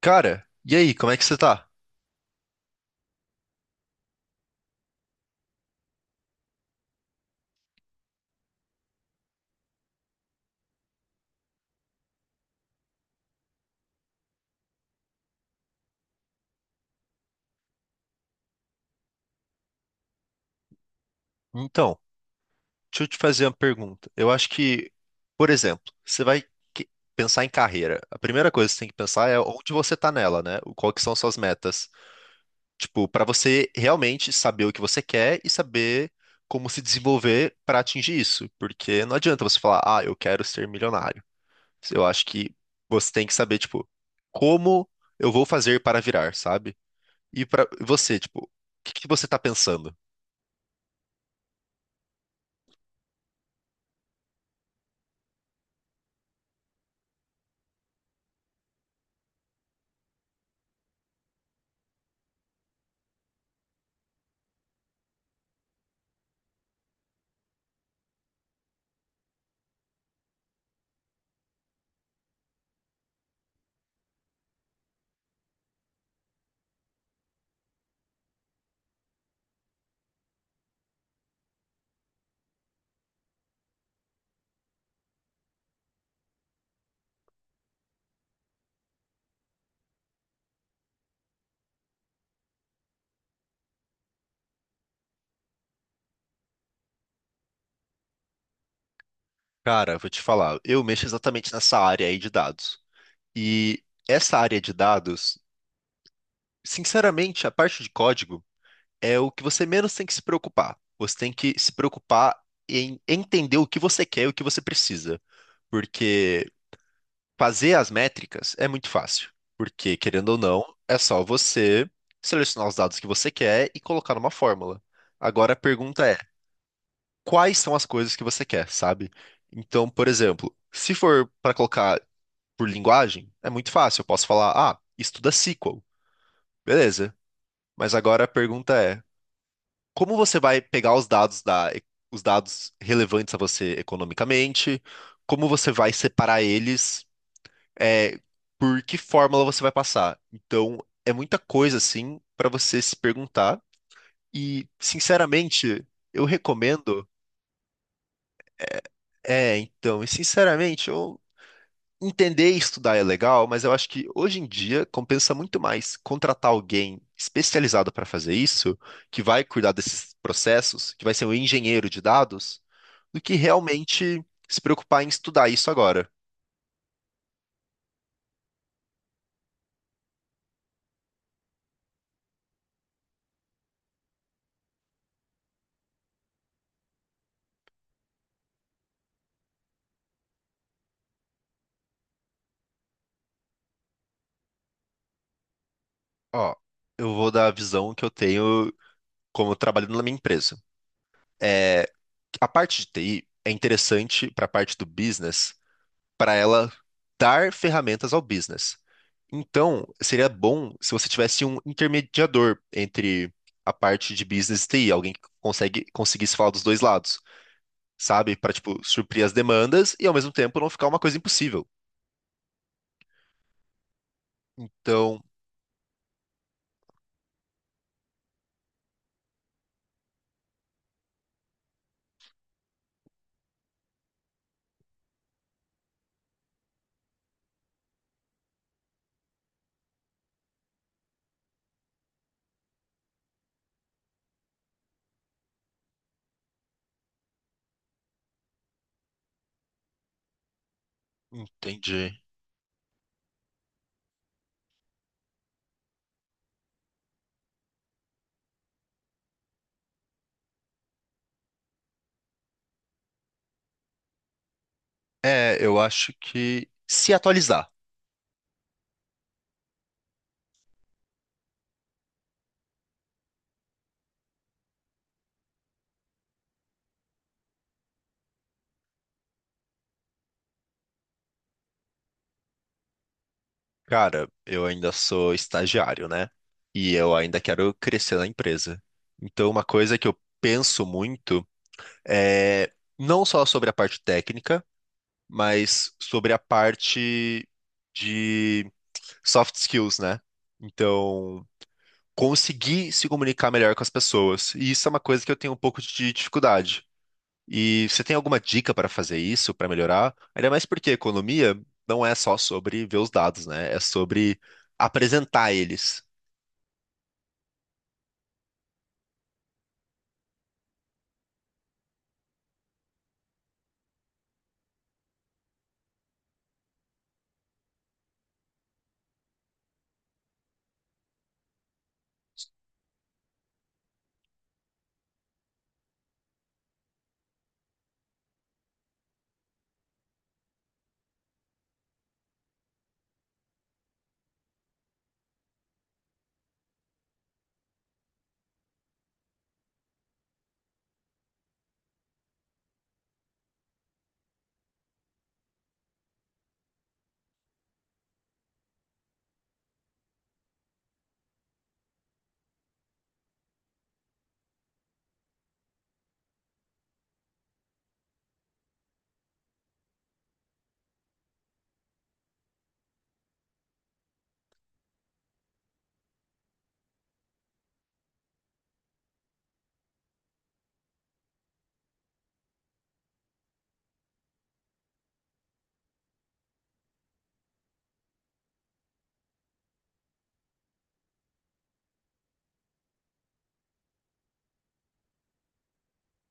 Cara, e aí, como é que você tá? Então, deixa eu te fazer uma pergunta. Eu acho que, por exemplo, você vai que- pensar em carreira. A primeira coisa que você tem que pensar é onde você tá nela, né? Qual que são suas metas? Tipo, pra você realmente saber o que você quer e saber como se desenvolver pra atingir isso. Porque não adianta você falar, ah, eu quero ser milionário. Eu acho que você tem que saber, tipo, como eu vou fazer para virar, sabe? E pra você, tipo, o que que você tá pensando? Cara, vou te falar, eu mexo exatamente nessa área aí de dados. E essa área de dados, sinceramente, a parte de código é o que você menos tem que se preocupar. Você tem que se preocupar em entender o que você quer e o que você precisa. Porque fazer as métricas é muito fácil. Porque, querendo ou não, é só você selecionar os dados que você quer e colocar numa fórmula. Agora a pergunta é: quais são as coisas que você quer, sabe? Então, por exemplo, se for para colocar por linguagem, é muito fácil. Eu posso falar, ah, estuda SQL. Beleza. Mas agora a pergunta é, como você vai pegar os dados da, os dados relevantes a você economicamente? Como você vai separar eles? É, por que fórmula você vai passar? Então, é muita coisa assim para você se perguntar. E, sinceramente, eu recomendo. É, então, e sinceramente, eu Entender e estudar é legal, mas eu acho que hoje em dia compensa muito mais contratar alguém especializado para fazer isso, que vai cuidar desses processos, que vai ser um engenheiro de dados, do que realmente se preocupar em estudar isso agora. Ó, eu vou dar a visão que eu tenho como trabalhando na minha empresa. É, a parte de TI é interessante para a parte do business, para ela dar ferramentas ao business. Então, seria bom se você tivesse um intermediador entre a parte de business e TI, alguém que conseguisse falar dos dois lados, sabe? Para, tipo, suprir as demandas e ao mesmo tempo não ficar uma coisa impossível. Então, entendi. É, eu acho que se atualizar. Cara, eu ainda sou estagiário, né? E eu ainda quero crescer na empresa. Então, uma coisa que eu penso muito. É, não só sobre a parte técnica, mas sobre a parte de soft skills, né? Então, conseguir se comunicar melhor com as pessoas. E isso é uma coisa que eu tenho um pouco de dificuldade. E você tem alguma dica para fazer isso, para melhorar? Ainda mais porque economia não é só sobre ver os dados, né? É sobre apresentar eles.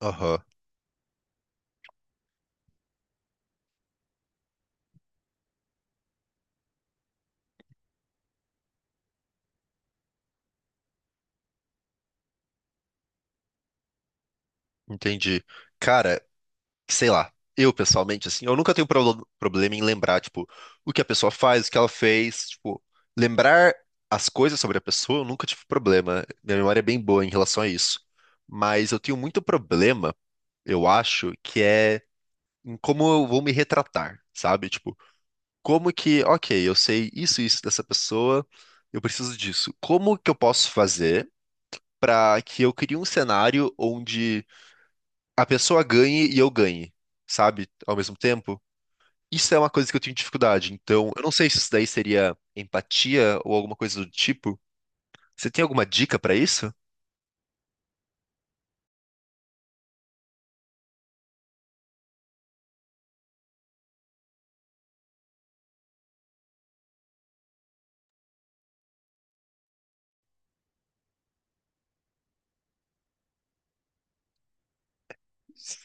Aham, entendi. Cara, que, sei lá, eu pessoalmente, assim, eu nunca tenho problema em lembrar, tipo, o que a pessoa faz, o que ela fez, tipo, lembrar as coisas sobre a pessoa, eu nunca tive problema. Minha memória é bem boa em relação a isso. Mas eu tenho muito problema, eu acho, que é em como eu vou me retratar, sabe? Tipo, como que, ok, eu sei isso, isso dessa pessoa, eu preciso disso. Como que eu posso fazer pra que eu crie um cenário onde a pessoa ganhe e eu ganhe, sabe? Ao mesmo tempo? Isso é uma coisa que eu tenho dificuldade. Então, eu não sei se isso daí seria empatia ou alguma coisa do tipo. Você tem alguma dica pra isso?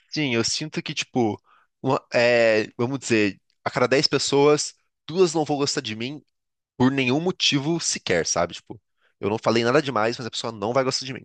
Sim, eu sinto que, tipo, é, vamos dizer, a cada 10 pessoas, duas não vão gostar de mim por nenhum motivo sequer, sabe? Tipo, eu não falei nada demais, mas a pessoa não vai gostar de mim.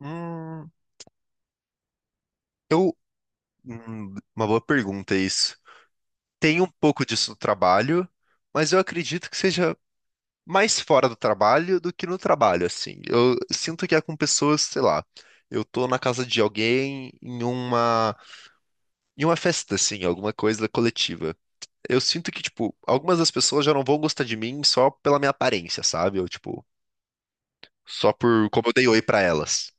Hum, eu. Uma boa pergunta isso. Tem um pouco disso no trabalho, mas eu acredito que seja mais fora do trabalho do que no trabalho, assim. Eu sinto que é com pessoas, sei lá, eu tô na casa de alguém em uma festa, assim, alguma coisa coletiva. Eu sinto que, tipo, algumas das pessoas já não vão gostar de mim só pela minha aparência, sabe? Ou, tipo, só por como eu dei oi pra elas.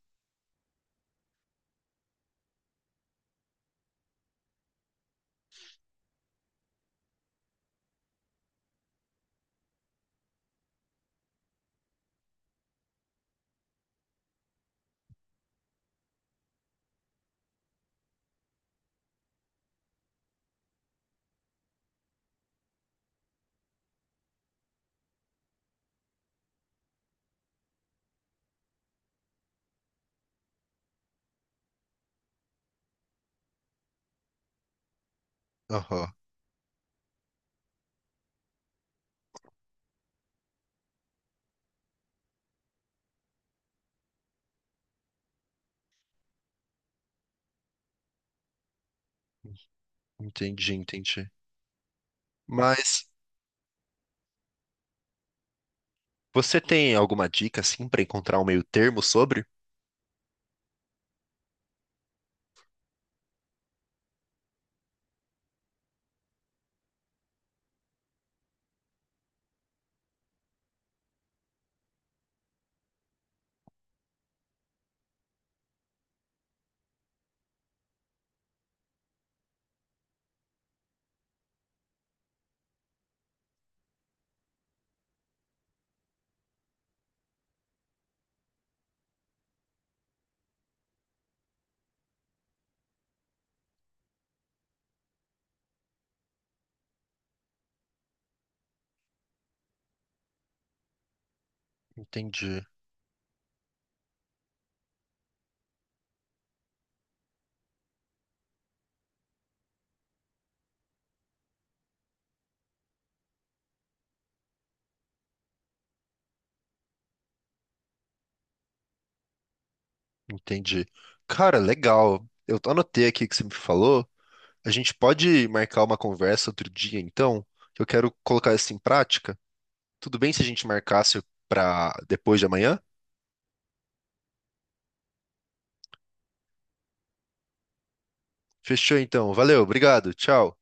Aham, entendi, entendi. Mas você tem alguma dica, assim, pra encontrar um meio termo sobre? Entendi, entendi. Cara, legal. Eu anotei aqui o que você me falou. A gente pode marcar uma conversa outro dia, então, que eu quero colocar isso em prática. Tudo bem se a gente marcasse para depois de amanhã? Fechou, então. Valeu, obrigado, tchau.